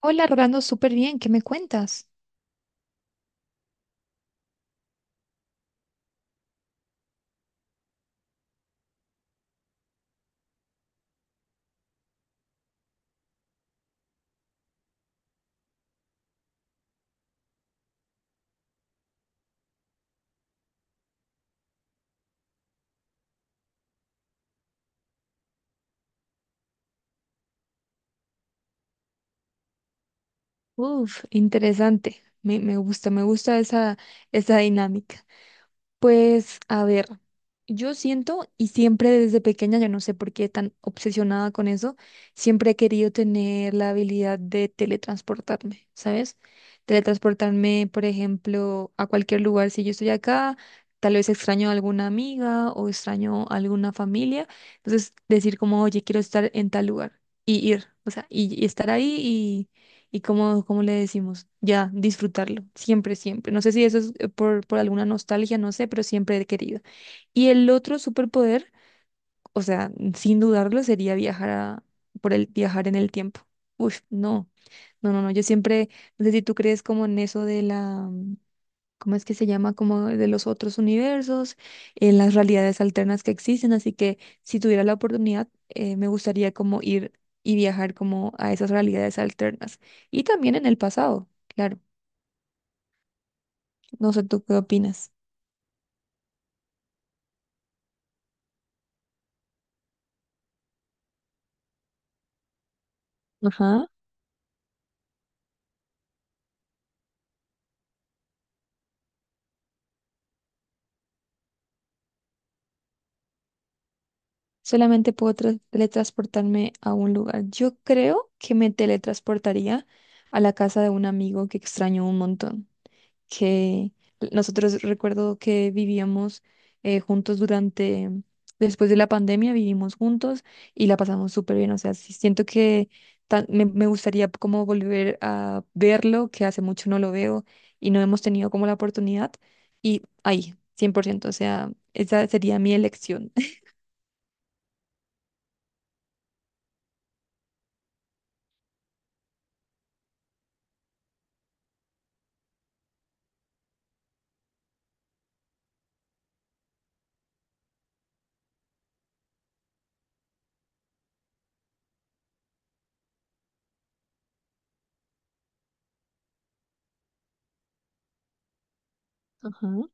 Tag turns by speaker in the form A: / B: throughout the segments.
A: Hola, Rolando, súper bien, ¿qué me cuentas? Uf, interesante. Me gusta, me gusta esa dinámica. Pues a ver, yo siento y siempre desde pequeña, yo no sé por qué tan obsesionada con eso, siempre he querido tener la habilidad de teletransportarme, ¿sabes? Teletransportarme, por ejemplo, a cualquier lugar. Si yo estoy acá, tal vez extraño a alguna amiga o extraño a alguna familia. Entonces, decir como, oye, quiero estar en tal lugar y ir, o sea, y estar ahí y como, como le decimos, ya disfrutarlo, siempre, siempre. No sé si eso es por alguna nostalgia, no sé, pero siempre he querido. Y el otro superpoder, o sea, sin dudarlo, sería por el viajar en el tiempo. Uf, no, no, no, no. Yo siempre, no sé si tú crees como en eso de la ¿cómo es que se llama? Como de los otros universos, en las realidades alternas que existen. Así que si tuviera la oportunidad, me gustaría como ir y viajar como a esas realidades alternas. Y también en el pasado, claro. No sé, ¿tú qué opinas? Ajá. Solamente puedo teletransportarme a un lugar. Yo creo que me teletransportaría a la casa de un amigo que extraño un montón, que nosotros recuerdo que vivíamos juntos durante, después de la pandemia, vivimos juntos y la pasamos súper bien. O sea, sí siento que me gustaría como volver a verlo, que hace mucho no lo veo y no hemos tenido como la oportunidad. Y ahí, 100%, o sea, esa sería mi elección. Ajá.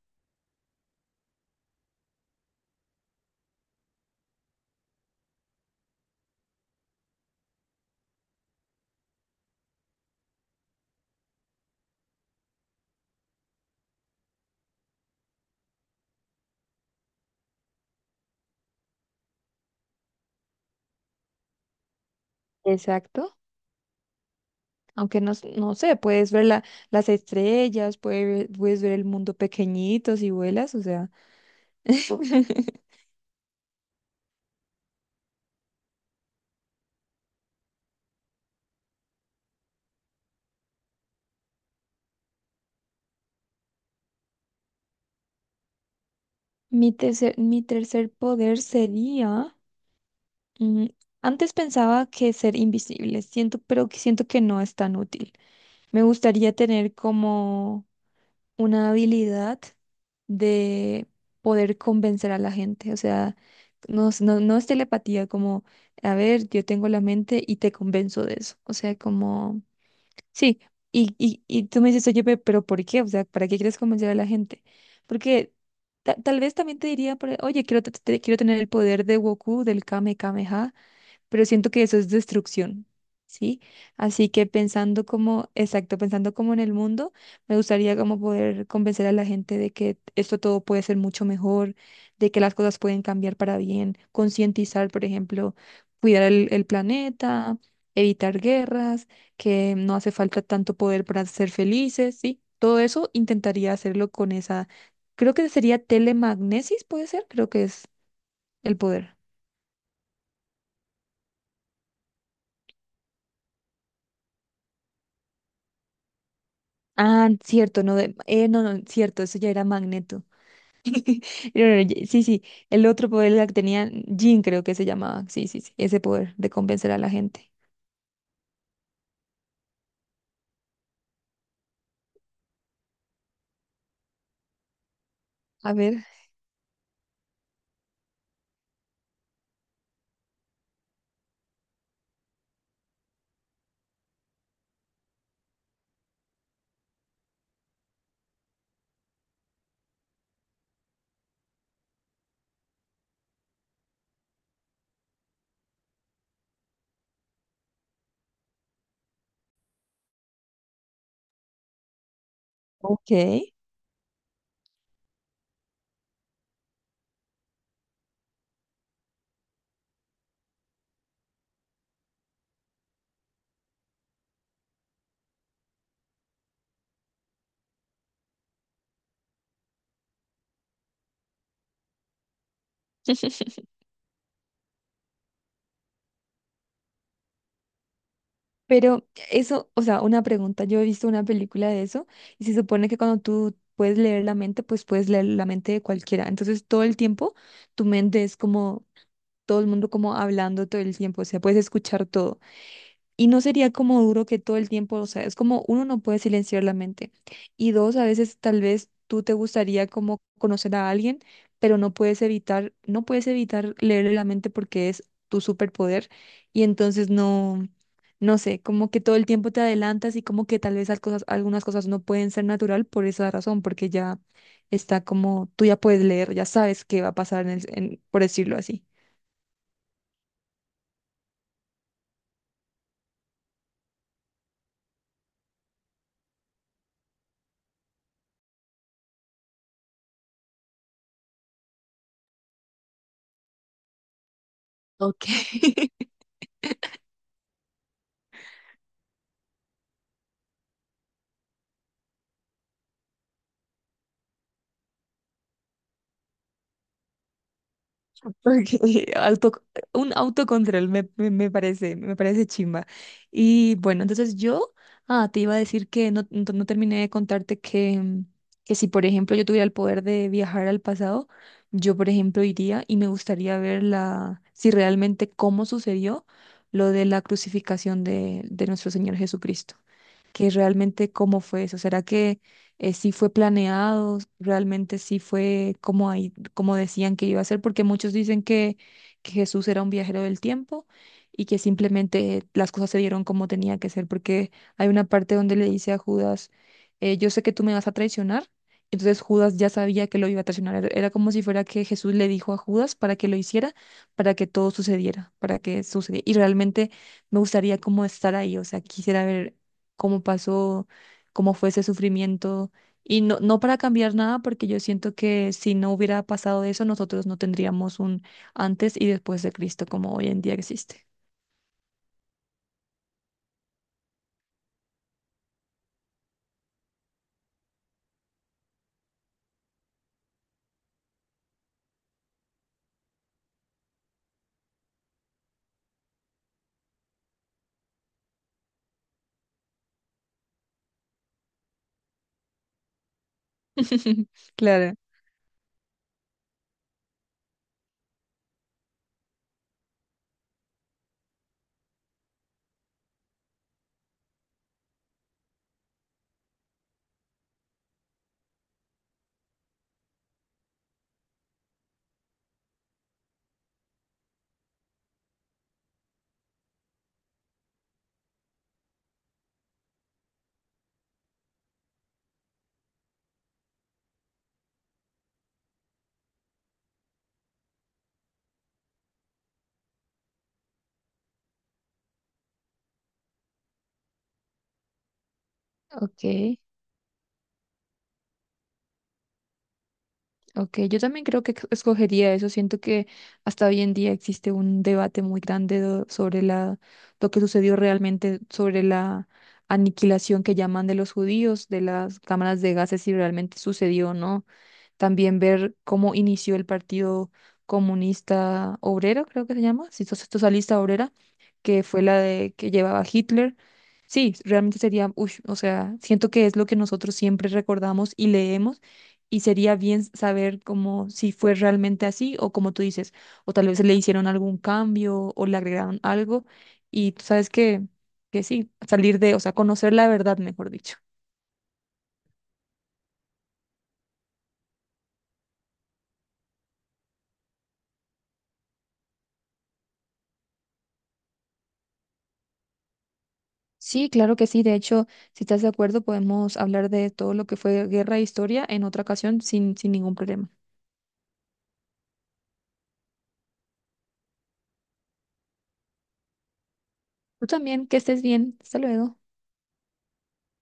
A: Exacto. Aunque no, no sé, puedes ver las estrellas, puedes, puedes ver el mundo pequeñito si vuelas, o sea. Mi tercer poder sería, mm, antes pensaba que ser invisible, siento, pero que siento que no es tan útil. Me gustaría tener como una habilidad de poder convencer a la gente, o sea, no, no, no es telepatía, como, a ver, yo tengo la mente y te convenzo de eso, o sea, como. Sí, y tú me dices, oye, pero ¿por qué? O sea, ¿para qué quieres convencer a la gente? Porque tal vez también te diría, oye, quiero, quiero tener el poder de Goku, del Kame Kameha, pero siento que eso es destrucción, ¿sí? Así que pensando como, exacto, pensando como en el mundo, me gustaría como poder convencer a la gente de que esto todo puede ser mucho mejor, de que las cosas pueden cambiar para bien, concientizar, por ejemplo, cuidar el planeta, evitar guerras, que no hace falta tanto poder para ser felices, ¿sí? Todo eso intentaría hacerlo con esa, creo que sería telemagnesis, puede ser, creo que es el poder. Ah, cierto, no, no, no, cierto, eso ya era Magneto. No, no, ya- sí, sí, el otro poder la que tenía Jean, creo que se llamaba. Sí, sí, sí, ese poder de convencer a la gente. A ver, ok. Pero eso, o sea, una pregunta, yo he visto una película de eso y se supone que cuando tú puedes leer la mente, pues puedes leer la mente de cualquiera. Entonces, todo el tiempo tu mente es como todo el mundo como hablando todo el tiempo, o sea, puedes escuchar todo. Y no sería como duro que todo el tiempo, o sea, es como uno no puede silenciar la mente. Y dos, a veces tal vez tú te gustaría como conocer a alguien, pero no puedes evitar, no puedes evitar leerle la mente porque es tu superpoder. Y entonces no, no sé, como que todo el tiempo te adelantas y como que tal vez algunas cosas no pueden ser natural por esa razón, porque ya está como, tú ya puedes leer, ya sabes qué va a pasar en por decirlo así. Ok. Porque auto, un autocontrol me parece, me parece chimba. Y bueno, entonces yo, ah, te iba a decir que no terminé de contarte que, que si, por ejemplo, yo tuviera el poder de viajar al pasado, yo, por ejemplo, iría y me gustaría ver la, si realmente cómo sucedió lo de la crucificación de nuestro Señor Jesucristo, que realmente cómo fue eso. ¿Será que sí fue planeado? ¿Realmente sí fue como ahí, como decían que iba a ser? Porque muchos dicen que Jesús era un viajero del tiempo y que simplemente las cosas se dieron como tenía que ser, porque hay una parte donde le dice a Judas, yo sé que tú me vas a traicionar. Entonces Judas ya sabía que lo iba a traicionar. Era como si fuera que Jesús le dijo a Judas para que lo hiciera, para que todo sucediera, para que sucediera. Y realmente me gustaría como estar ahí, o sea, quisiera ver cómo pasó, cómo fue ese sufrimiento. Y no, no para cambiar nada, porque yo siento que si no hubiera pasado eso, nosotros no tendríamos un antes y después de Cristo como hoy en día existe. Claro. Ok, ok, yo también creo que escogería eso. Siento que hasta hoy en día existe un debate muy grande sobre la, lo que sucedió realmente, sobre la aniquilación que llaman de los judíos, de las cámaras de gases, si realmente sucedió o no. También ver cómo inició el Partido Comunista Obrero, creo que se llama, si sos socialista obrera, que fue la de que llevaba Hitler. Sí, realmente sería, ush, o sea, siento que es lo que nosotros siempre recordamos y leemos, y sería bien saber como si fue realmente así o como tú dices, o tal vez le hicieron algún cambio o le agregaron algo y tú sabes que sí, salir de, o sea, conocer la verdad, mejor dicho. Sí, claro que sí. De hecho, si estás de acuerdo, podemos hablar de todo lo que fue guerra e historia en otra ocasión sin, sin ningún problema. Tú también, que estés bien. Hasta luego.